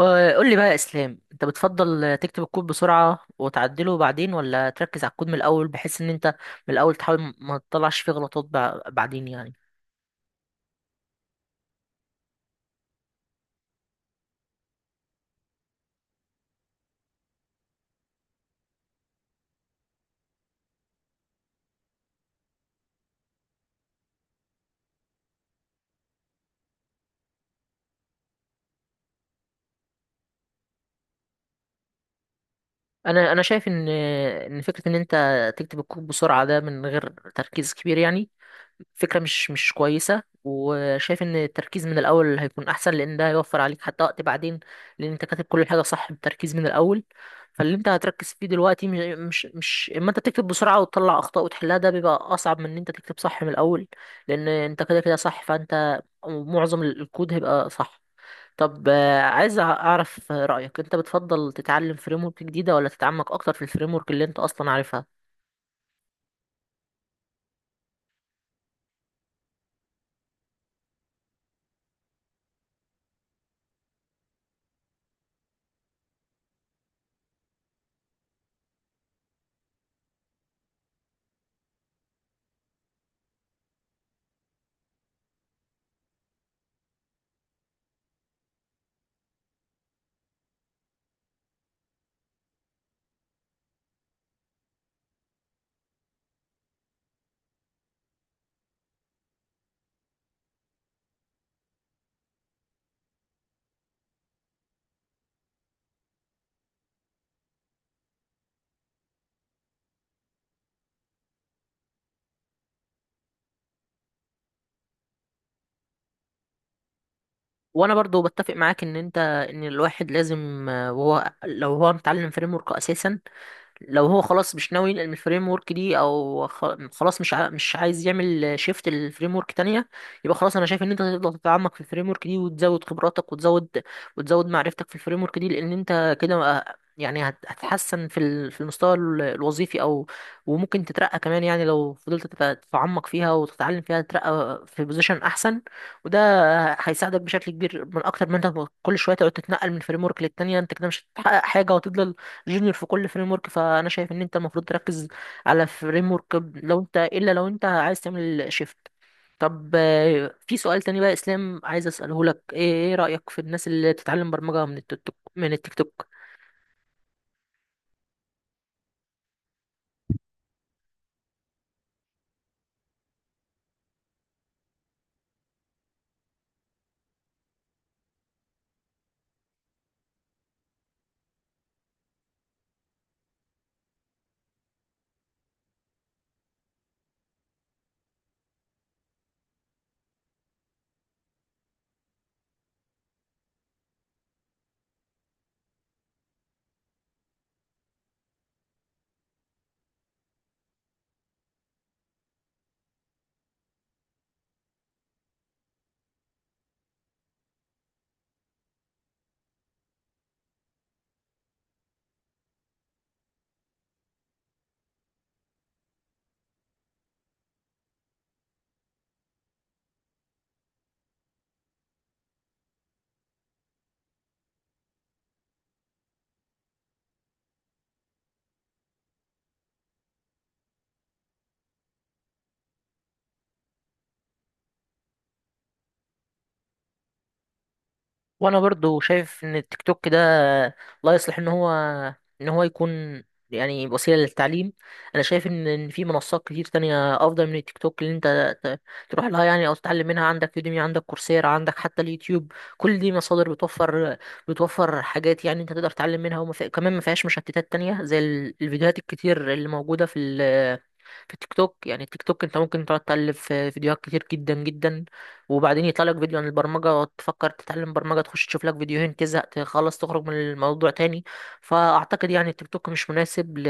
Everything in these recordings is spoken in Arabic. قول لي بقى يا اسلام، انت بتفضل تكتب الكود بسرعه وتعدله بعدين، ولا تركز على الكود من الاول بحيث ان انت من الاول تحاول ما تطلعش فيه غلطات بعدين يعني؟ انا شايف ان فكره ان انت تكتب الكود بسرعه ده من غير تركيز كبير يعني فكرة مش كويسة، وشايف ان التركيز من الاول هيكون احسن، لان ده هيوفر عليك حتى وقت بعدين، لان انت كاتب كل حاجة صح بالتركيز من الاول. فاللي انت هتركز فيه دلوقتي مش اما انت بتكتب بسرعة وتطلع اخطاء وتحلها، ده بيبقى اصعب من ان انت تكتب صح من الاول، لان انت كده كده صح، فانت معظم الكود هيبقى صح. طب عايز اعرف رأيك، انت بتفضل تتعلم فريم ورك جديدة، ولا تتعمق اكتر في الفريم ورك اللي انت اصلا عارفها؟ وانا برضو بتفق معاك ان انت، ان الواحد لازم وهو لو هو متعلم فريم ورك اساسا، لو هو خلاص مش ناوي ينقل من الفريم ورك دي، او خلاص مش عايز يعمل شيفت لفريم ورك تانية، يبقى خلاص انا شايف ان انت تقدر تتعمق في الفريم ورك دي وتزود خبراتك وتزود معرفتك في الفريم ورك دي، لان انت كده يعني هتحسن في المستوى الوظيفي، او وممكن تترقى كمان، يعني لو فضلت تتعمق فيها وتتعلم فيها تترقى في بوزيشن احسن. وده هيساعدك بشكل كبير من اكتر من انت كل شويه تقعد تتنقل من فريم ورك للتانية، انت كده مش هتحقق حاجه وتفضل جونيور في كل فريم ورك. فانا شايف ان انت المفروض تركز على فريم ورك، لو انت لو انت عايز تعمل شيفت. طب في سؤال تاني بقى يا اسلام، عايز اساله لك، إيه رايك في الناس اللي بتتعلم برمجه من التيك توك، من التيك توك؟ وانا برضو شايف ان التيك توك ده لا يصلح ان هو يكون يعني وسيله للتعليم. انا شايف ان في منصات كتير تانية افضل من التيك توك اللي انت تروح لها يعني، او تتعلم منها. عندك يوديمي، عندك كورسيرا، عندك حتى اليوتيوب، كل دي مصادر بتوفر حاجات يعني انت تقدر تتعلم منها، كمان ما فيهاش مشتتات تانية زي الفيديوهات الكتير اللي موجوده في في التيك توك. يعني التيك توك انت ممكن تقعد تقلب في فيديوهات كتير جدا جدا، وبعدين يطلع لك فيديو عن البرمجة، تفكر تتعلم برمجة، تخش تشوف لك فيديوهين، تزهق، تخلص، تخرج من الموضوع تاني. فأعتقد يعني التيك توك مش مناسب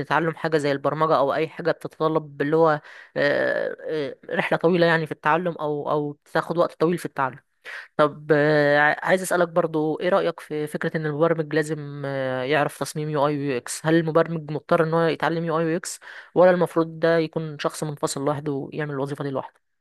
لتعلم حاجة زي البرمجة أو أي حاجة بتتطلب اللي هو رحلة طويلة يعني في التعلم، أو أو بتاخد وقت طويل في التعلم. طب عايز اسالك برضو ايه رايك في فكره ان المبرمج لازم يعرف تصميم يو اي ويو اكس؟ هل المبرمج مضطر ان هو يتعلم يو اي ويو اكس، ولا المفروض ده يكون شخص منفصل لوحده ويعمل الوظيفه دي لوحده؟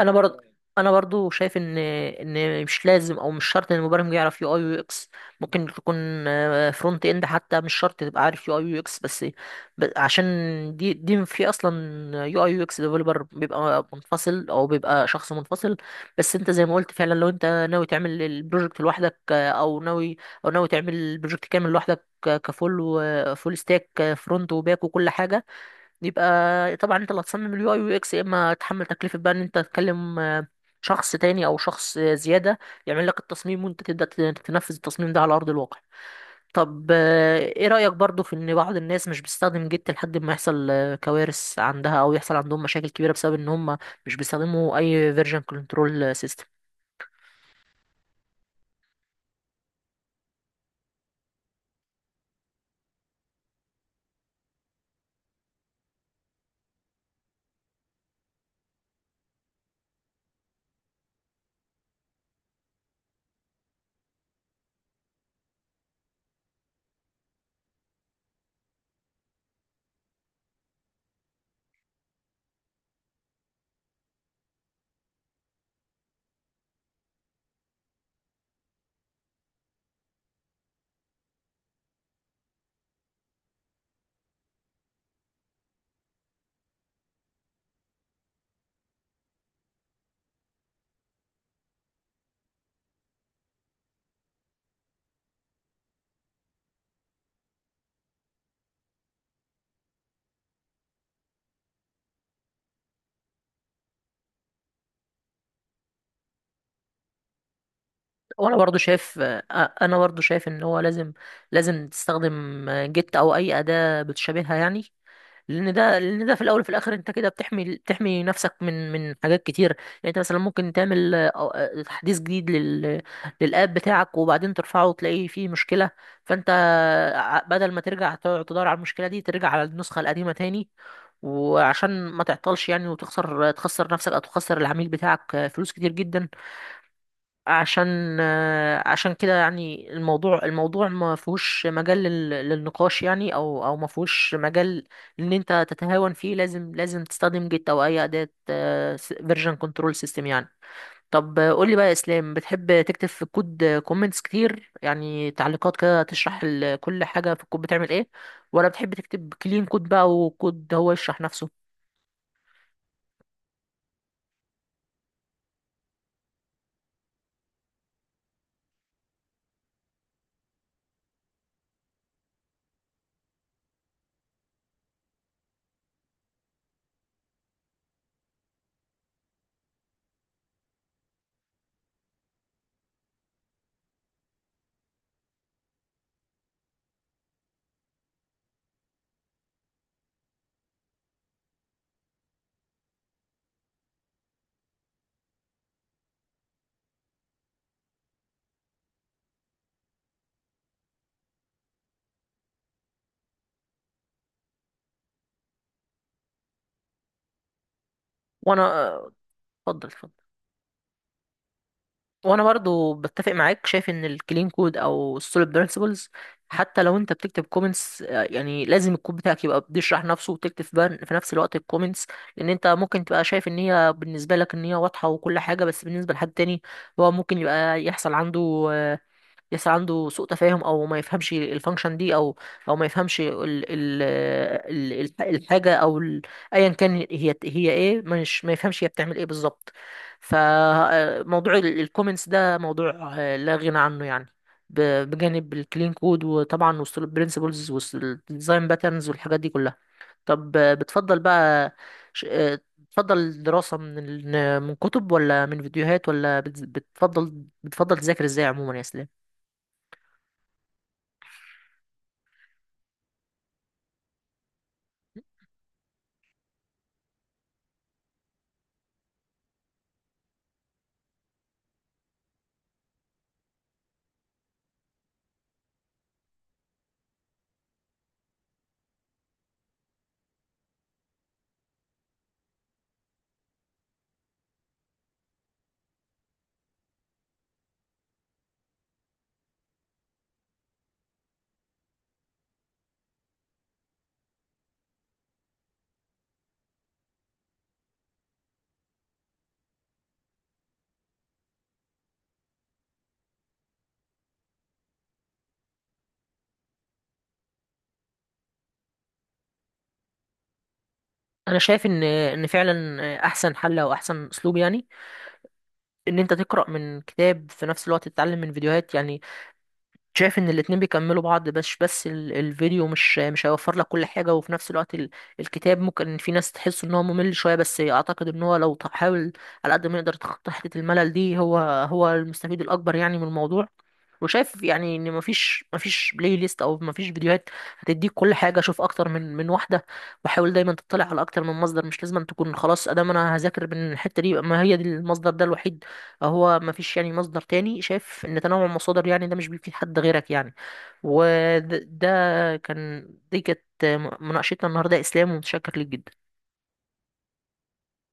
انا برضه انا برضو شايف ان مش لازم او مش شرط ان المبرمج يعرف يو اي يو اكس. ممكن تكون فرونت اند حتى مش شرط تبقى عارف يو اي يو اكس، بس عشان دي في اصلا يو اي يو اكس ديفلوبر بيبقى منفصل، او بيبقى شخص منفصل. بس انت زي ما قلت فعلا، لو انت ناوي تعمل البروجكت لوحدك، او ناوي او ناوي تعمل البروجكت كامل لوحدك كفول وفول ستاك فرونت وباك وكل حاجه، يبقى طبعا انت اللي هتصمم اليو اي يو اكس، يا اما تحمل تكلفة بقى ان انت تكلم شخص تاني او شخص زيادة يعمل لك التصميم، وانت تبدأ تنفذ التصميم ده على ارض الواقع. طب ايه رأيك برضو في ان بعض الناس مش بتستخدم جيت لحد ما يحصل كوارث عندها، او يحصل عندهم مشاكل كبيرة بسبب ان هم مش بيستخدموا اي فيرجن كنترول سيستم؟ وانا برضو شايف انا برضو شايف ان هو لازم، لازم تستخدم جيت او اي أداة بتشابهها يعني، لان ده لان ده في الاول وفي الاخر انت كده بتحمي نفسك من حاجات كتير. يعني انت مثلا ممكن تعمل تحديث جديد للاب بتاعك، وبعدين ترفعه وتلاقي فيه مشكله، فانت بدل ما ترجع تقعد تدور على المشكله دي، ترجع على النسخه القديمه تاني، وعشان ما تعطلش يعني وتخسر، نفسك او تخسر العميل بتاعك فلوس كتير جدا. عشان كده يعني الموضوع، الموضوع ما فيهوش مجال للنقاش يعني، او او ما فيهوش مجال ان انت تتهاون فيه. لازم، لازم تستخدم جيت او اي اداة فيرجن كنترول سيستم يعني. طب قول لي بقى يا اسلام، بتحب تكتب في الكود كومنتس كتير يعني تعليقات كده تشرح كل حاجة في الكود بتعمل ايه، ولا بتحب تكتب كلين كود بقى وكود هو يشرح نفسه؟ وانا اتفضل اتفضل. وانا برضو بتفق معاك، شايف ان الكلين كود او السوليد برينسيبلز حتى لو انت بتكتب كومنتس يعني لازم الكود بتاعك يبقى بيشرح نفسه، وتكتب في في نفس الوقت الكومنتس، لان انت ممكن تبقى شايف ان هي بالنسبه لك ان هي واضحه وكل حاجه، بس بالنسبه لحد تاني هو ممكن يبقى يحصل عنده آه، يسعى عنده سوء تفاهم، او ما يفهمش الفانكشن دي، او او ما يفهمش الحاجه، ايا كان هي، هي ايه مش ما يفهمش هي بتعمل ايه بالظبط. فموضوع الكومنتس ده موضوع لا غنى عنه يعني، ب- بجانب الكلين كود، وطبعا وسط البرنسبلز، وسط الديزاين باترنز والحاجات دي كلها. طب بتفضل بقى بتفضل الدراسة من كتب، ولا من فيديوهات، ولا بتفضل تذاكر ازاي عموما يا اسلام؟ انا شايف ان فعلا احسن حل او احسن اسلوب يعني ان انت تقرا من كتاب في نفس الوقت تتعلم من فيديوهات يعني. شايف ان الاتنين بيكملوا بعض، بس الفيديو مش هيوفر لك كل حاجه، وفي نفس الوقت الكتاب ممكن في ناس تحس ان هو ممل شويه، بس اعتقد ان هو لو تحاول على قد ما يقدر تخطي حته الملل دي، هو هو المستفيد الاكبر يعني من الموضوع. وشايف يعني ان مفيش بلاي ليست او مفيش فيديوهات هتديك كل حاجه، شوف اكتر من واحده، وحاول دايما تطلع على اكتر من مصدر. مش لازم تكون خلاص ادام انا هذاكر من الحته دي يبقى ما هي دي المصدر ده الوحيد، هو مفيش يعني مصدر تاني. شايف ان تنوع المصادر يعني ده مش بيفيد حد غيرك يعني. وده ده كان دي كانت مناقشتنا النهارده اسلام، ومتشكر ليك جدا.